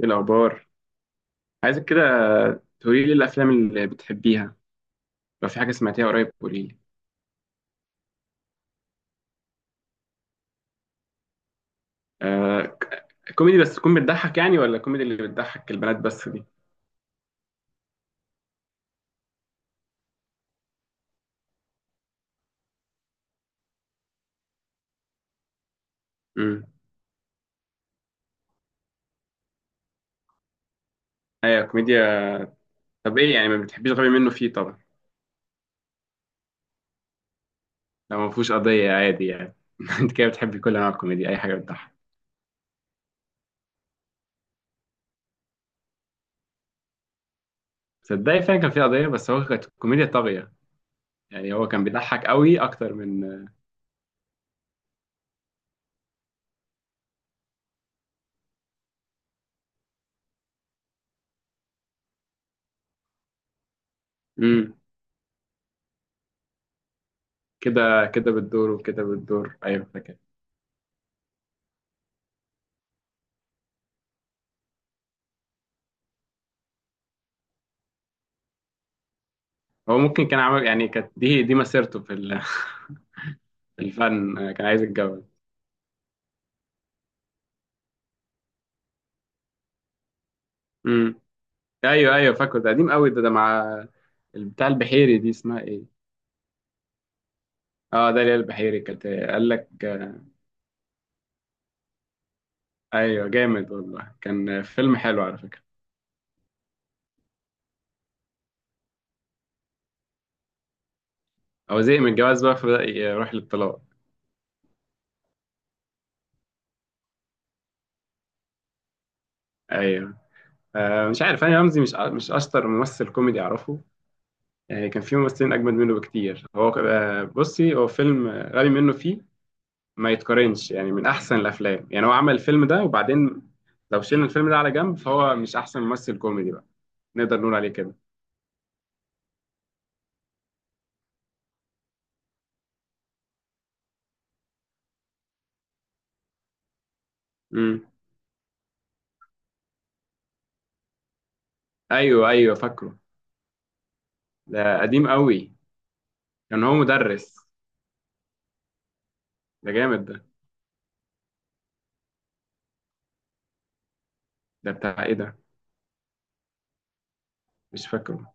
ايه الاخبار؟ عايزك كده تقولي لي الافلام اللي بتحبيها. لو في حاجه سمعتيها قريب قولي لي. آه ك- كوميدي بس تكون بتضحك يعني، ولا كوميدي اللي بتضحك البنات بس دي؟ امم. ايوه، كوميديا. طب ايه يعني؟ ما بتحبيش غبي منه فيه طبعا. لو ما فيهوش قضيه عادي يعني. انت كده بتحبي كل انواع الكوميديا، اي حاجه بتضحك. صدقني فعلا كان في قضيه، بس هو كانت كوميديا طاغيه. يعني هو كان بيضحك قوي اكتر من... امم. كده كده بتدور، وكده بتدور، ايوه فاكر. هو ممكن كان عمل يعني، كانت دي مسيرته في الفن، كان عايز يتجوز. امم. ايوه، ايوه فاكره. ده قديم قوي ده مع بتاع البحيري، دي اسمها ايه؟ اه، داليا البحيري، كانت قال لك. ايوه جامد والله، كان فيلم حلو على فكرة. هو زهق من الجواز بقى، فبدأ يروح للطلاق. ايوه. مش عارف، هاني رمزي مش اشطر ممثل كوميدي اعرفه. يعني كان في ممثلين اجمد منه بكتير. هو بصي، هو فيلم غبي منه فيه ما يتقارنش يعني، من احسن الافلام يعني. هو عمل الفيلم ده، وبعدين لو شلنا الفيلم ده على جنب، فهو مش احسن ممثل كوميدي بقى. نقدر نقول عليه كده. امم. ايوه، ايوه فاكره، ده قديم قوي. كان هو مدرس. ده جامد ده. ده بتاع ايه ده؟ مش فاكره.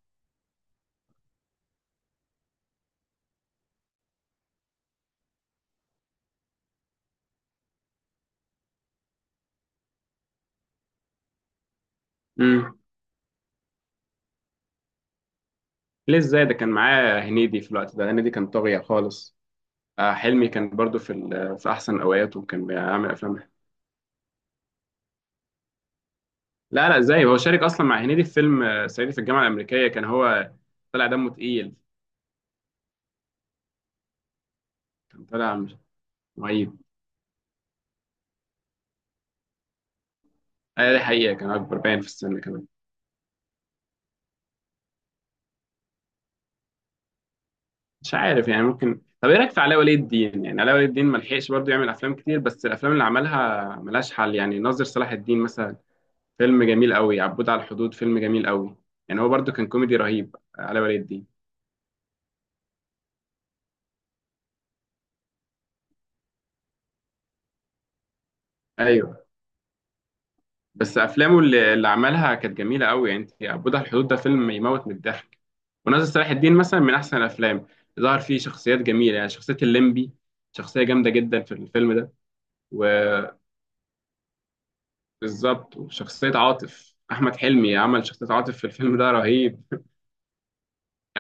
امم. ليه؟ ازاي؟ ده كان معاه هنيدي في الوقت ده، هنيدي كان طاغية خالص. آه، حلمي كان برضو في في احسن اوقاته وكان بيعمل افلام. لا، لا، ازاي؟ هو شارك اصلا مع هنيدي في فيلم، صعيدي في الجامعة الأمريكية، كان هو طلع دمه تقيل. كان طلع مش- معيب. دي حقيقة، كان اكبر باين في السن كمان. مش عارف يعني، ممكن. طب ايه رايك في علاء ولي الدين؟ يعني علاء ولي الدين ما لحقش برضه يعمل افلام كتير، بس الافلام اللي عملها ملهاش حل. يعني ناظر صلاح الدين مثلا فيلم جميل قوي، عبود على الحدود فيلم جميل قوي. يعني هو برضه كان كوميدي رهيب، علاء ولي الدين. ايوه. بس افلامه اللي عملها كانت جميله قوي. يعني انت، عبود على الحدود ده فيلم يموت من الضحك. وناظر صلاح الدين مثلا من احسن الافلام، ظهر فيه شخصيات جميله، يعني شخصيه الليمبي، شخصيه جامده جدا في الفيلم ده. و... بالظبط، وشخصية عاطف. أحمد حلمي عمل شخصية عاطف في الفيلم ده رهيب.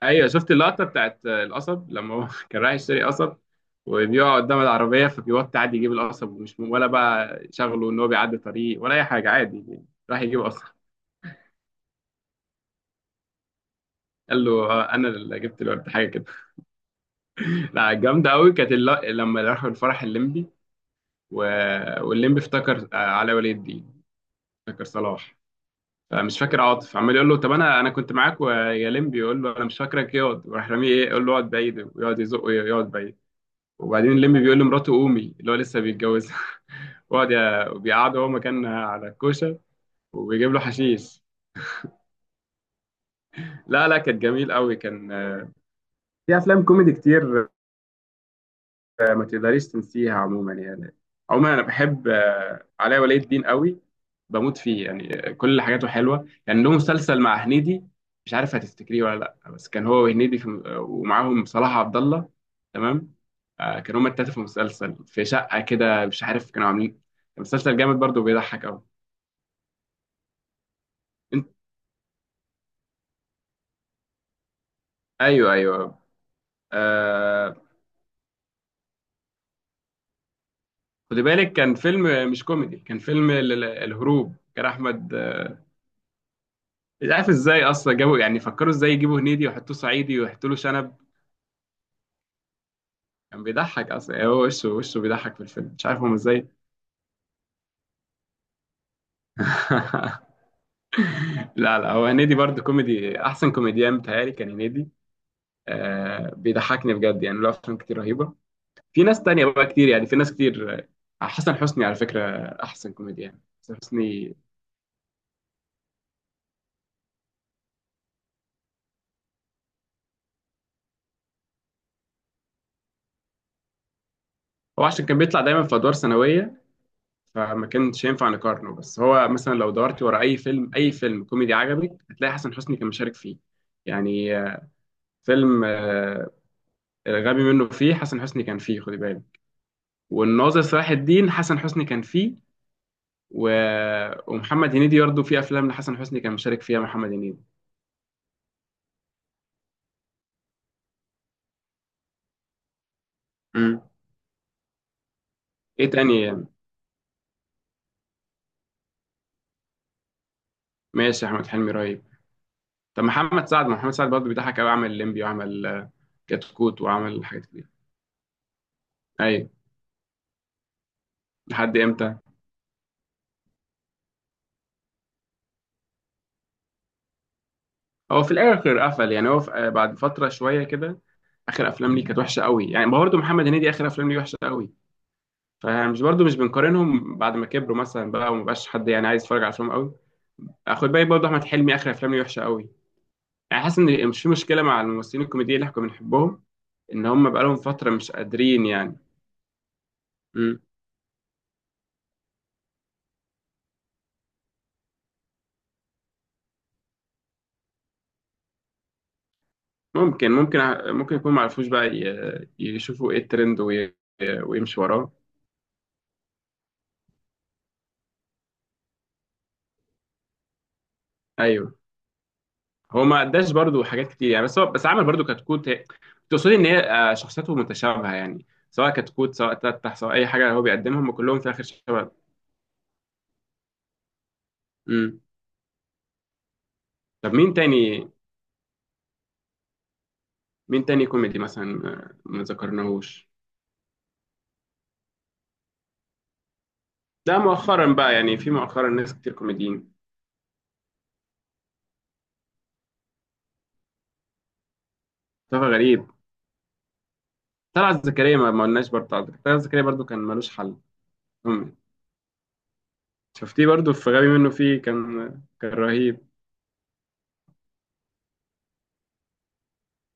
أيوة، شفت اللقطة بتاعت القصب لما هو كان رايح يشتري قصب، وبيقع قدام العربية فبيوطي عادي يجيب القصب، ومش ولا بقى شغله إن هو بيعدي طريق ولا أي حاجة، عادي راح يجيب قصب. قال له، أنا اللي جبت الورد، حاجة كده. لا، جامدة أوي، كانت لما راحوا الفرح الليمبي و... والليمبي افتكر، علاء ولي الدين. افتكر صلاح. مش فاكر. عاطف عمال يقول له طب انا كنت معاك، ويا لمبي يقول له انا مش فاكرك، اقعد. وراح راميه، ايه يقول له؟ اقعد بعيد. ويقعد يزقه، يقعد بعيد. وبعدين لمبي بيقول لمراته قومي، اللي هو لسه بيتجوزها. وقعد بيقعده هو مكانها على الكوشه. وبيجيب له حشيش. لا، لا، كانت جميل قوي، كان، في افلام كوميدي كتير ما تقدريش تنسيها عموما يعني. عموما انا بحب، علاء ولي الدين قوي، بموت فيه. يعني كل حاجاته حلوه. يعني له مسلسل مع هنيدي، مش عارف هتفتكريه ولا لا. بس كان هو وهنيدي في، ومعاهم صلاح عبد الله، تمام؟ كانوا هما التلاته في مسلسل في شقه كده، مش عارف كانوا عاملين، كان مسلسل جامد برضه بيضحك قوي. انت، ايوه، ايوه، آه. خدي بالك كان فيلم مش كوميدي، كان فيلم الهروب، كان احمد. مش عارف ازاي اصلا جابوا، يعني فكروا ازاي يجيبوا هنيدي ويحطوه صعيدي ويحطوا له شنب؟ كان بيضحك اصلا يعني، هو وشه وشه بيضحك في الفيلم، مش عارف هم ازاي. لا، لا، هو هنيدي برضه كوميدي، احسن كوميديان بتهيألي كان هنيدي. آه، بيضحكني بجد، يعني له افلام كتير رهيبه. في ناس تانية بقى كتير، يعني في ناس كتير. حسن حسني على فكره، احسن كوميديان حسن حسني. هو عشان كان بيطلع دايما في ادوار ثانويه، فما كانش ينفع نقارنه. بس هو مثلا لو دورت ورا اي فيلم، اي فيلم كوميدي عجبك، هتلاقي حسن حسني كان مشارك فيه. يعني، فيلم، الغبي منه فيه، حسن حسني كان فيه خدي بالك. والناظر صلاح الدين، حسن حسني كان فيه. و... ومحمد هنيدي برضه في افلام لحسن حسني كان مشارك فيها محمد هنيدي. امم. ايه تاني يعني؟ ماشي، احمد حلمي رهيب. طب محمد سعد، ما محمد سعد برضه بيضحك قوي، عمل الليمبي وعمل، كتكوت وعمل حاجات كتير. ايوه. لحد امتى؟ هو في الاخر قفل يعني، هو في... آه، بعد فتره شويه كده، اخر افلام ليه كانت وحشه قوي. يعني برضه محمد هنيدي اخر افلام ليه وحشه قوي، فمش برضو مش بنقارنهم بعد ما كبروا مثلا بقى، ومبقاش حد يعني عايز يتفرج على افلامهم قوي. خد بالك برضو احمد حلمي اخر افلامه وحشه قوي. يعني حاسس ان مش في مشكله مع الممثلين الكوميديين اللي احنا كنا بنحبهم، ان هم بقالهم فتره مش قادرين يعني. مم. ممكن يكون ما عرفوش بقى يشوفوا ايه الترند ويمشوا وراه. ايوه. هو ما قداش برضو حاجات كتير يعني، بس هو بس عمل برضو كتكوت. تقصدي ان هي، شخصيته متشابهه يعني، سواء كتكوت سواء تتح سواء اي حاجه، هو بيقدمهم كلهم في الاخر شباب. طب مين تاني؟ مين تاني كوميدي مثلا، ما ذكرناهوش؟ ده مؤخرا بقى؟ يعني في مؤخرا ناس كتير كوميديين، مصطفى غريب. طلعت زكريا ما قلناش برضه، طلعت زكريا برضه كان ملوش حل. أمي. شفتيه برضه في غبي منه فيه، كان رهيب.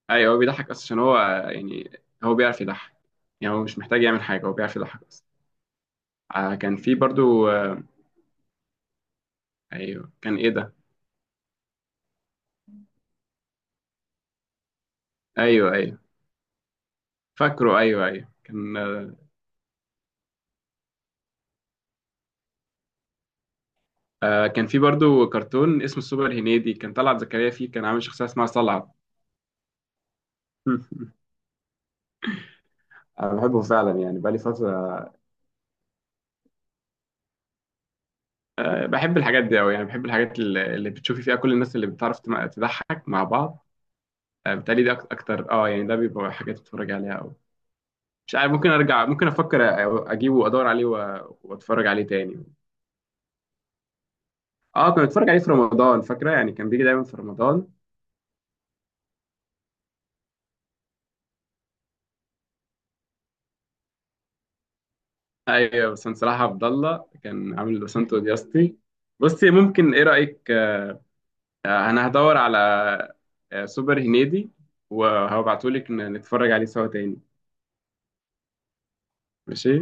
ايوه، هو بيضحك اصلا عشان هو، يعني هو بيعرف يضحك. يعني هو مش محتاج يعمل حاجه، هو بيعرف يضحك اصلا. كان في برضه. ايوه، كان ايه ده؟ ايوه، ايوه فاكره، ايوه، ايوه كان. آه، كان في برضو كرتون اسمه السوبر هنيدي، كان طلعت زكريا فيه، كان عامل شخصية اسمها صلعة. انا بحبه فعلا يعني، بقالي فتره. آه، بحب الحاجات دي أوي، يعني بحب الحاجات اللي بتشوفي فيها كل الناس اللي بتعرف تضحك مع بعض. آه، بتهيألي ده أكتر يعني، ده بيبقى حاجات أتفرج عليها أوي. مش عارف، ممكن أرجع، ممكن أفكر أجيبه وأدور عليه وأتفرج عليه تاني. أه، كنت بتفرج عليه في رمضان فاكرة، يعني كان بيجي دايما في رمضان. أيوة، بس صلاح عبد الله كان عامل بسنتو دياستي. بصي، ممكن إيه رأيك، انا هدور على، سوبر هنيدي وهبعتهولك نتفرج عليه سوا تاني. ماشي.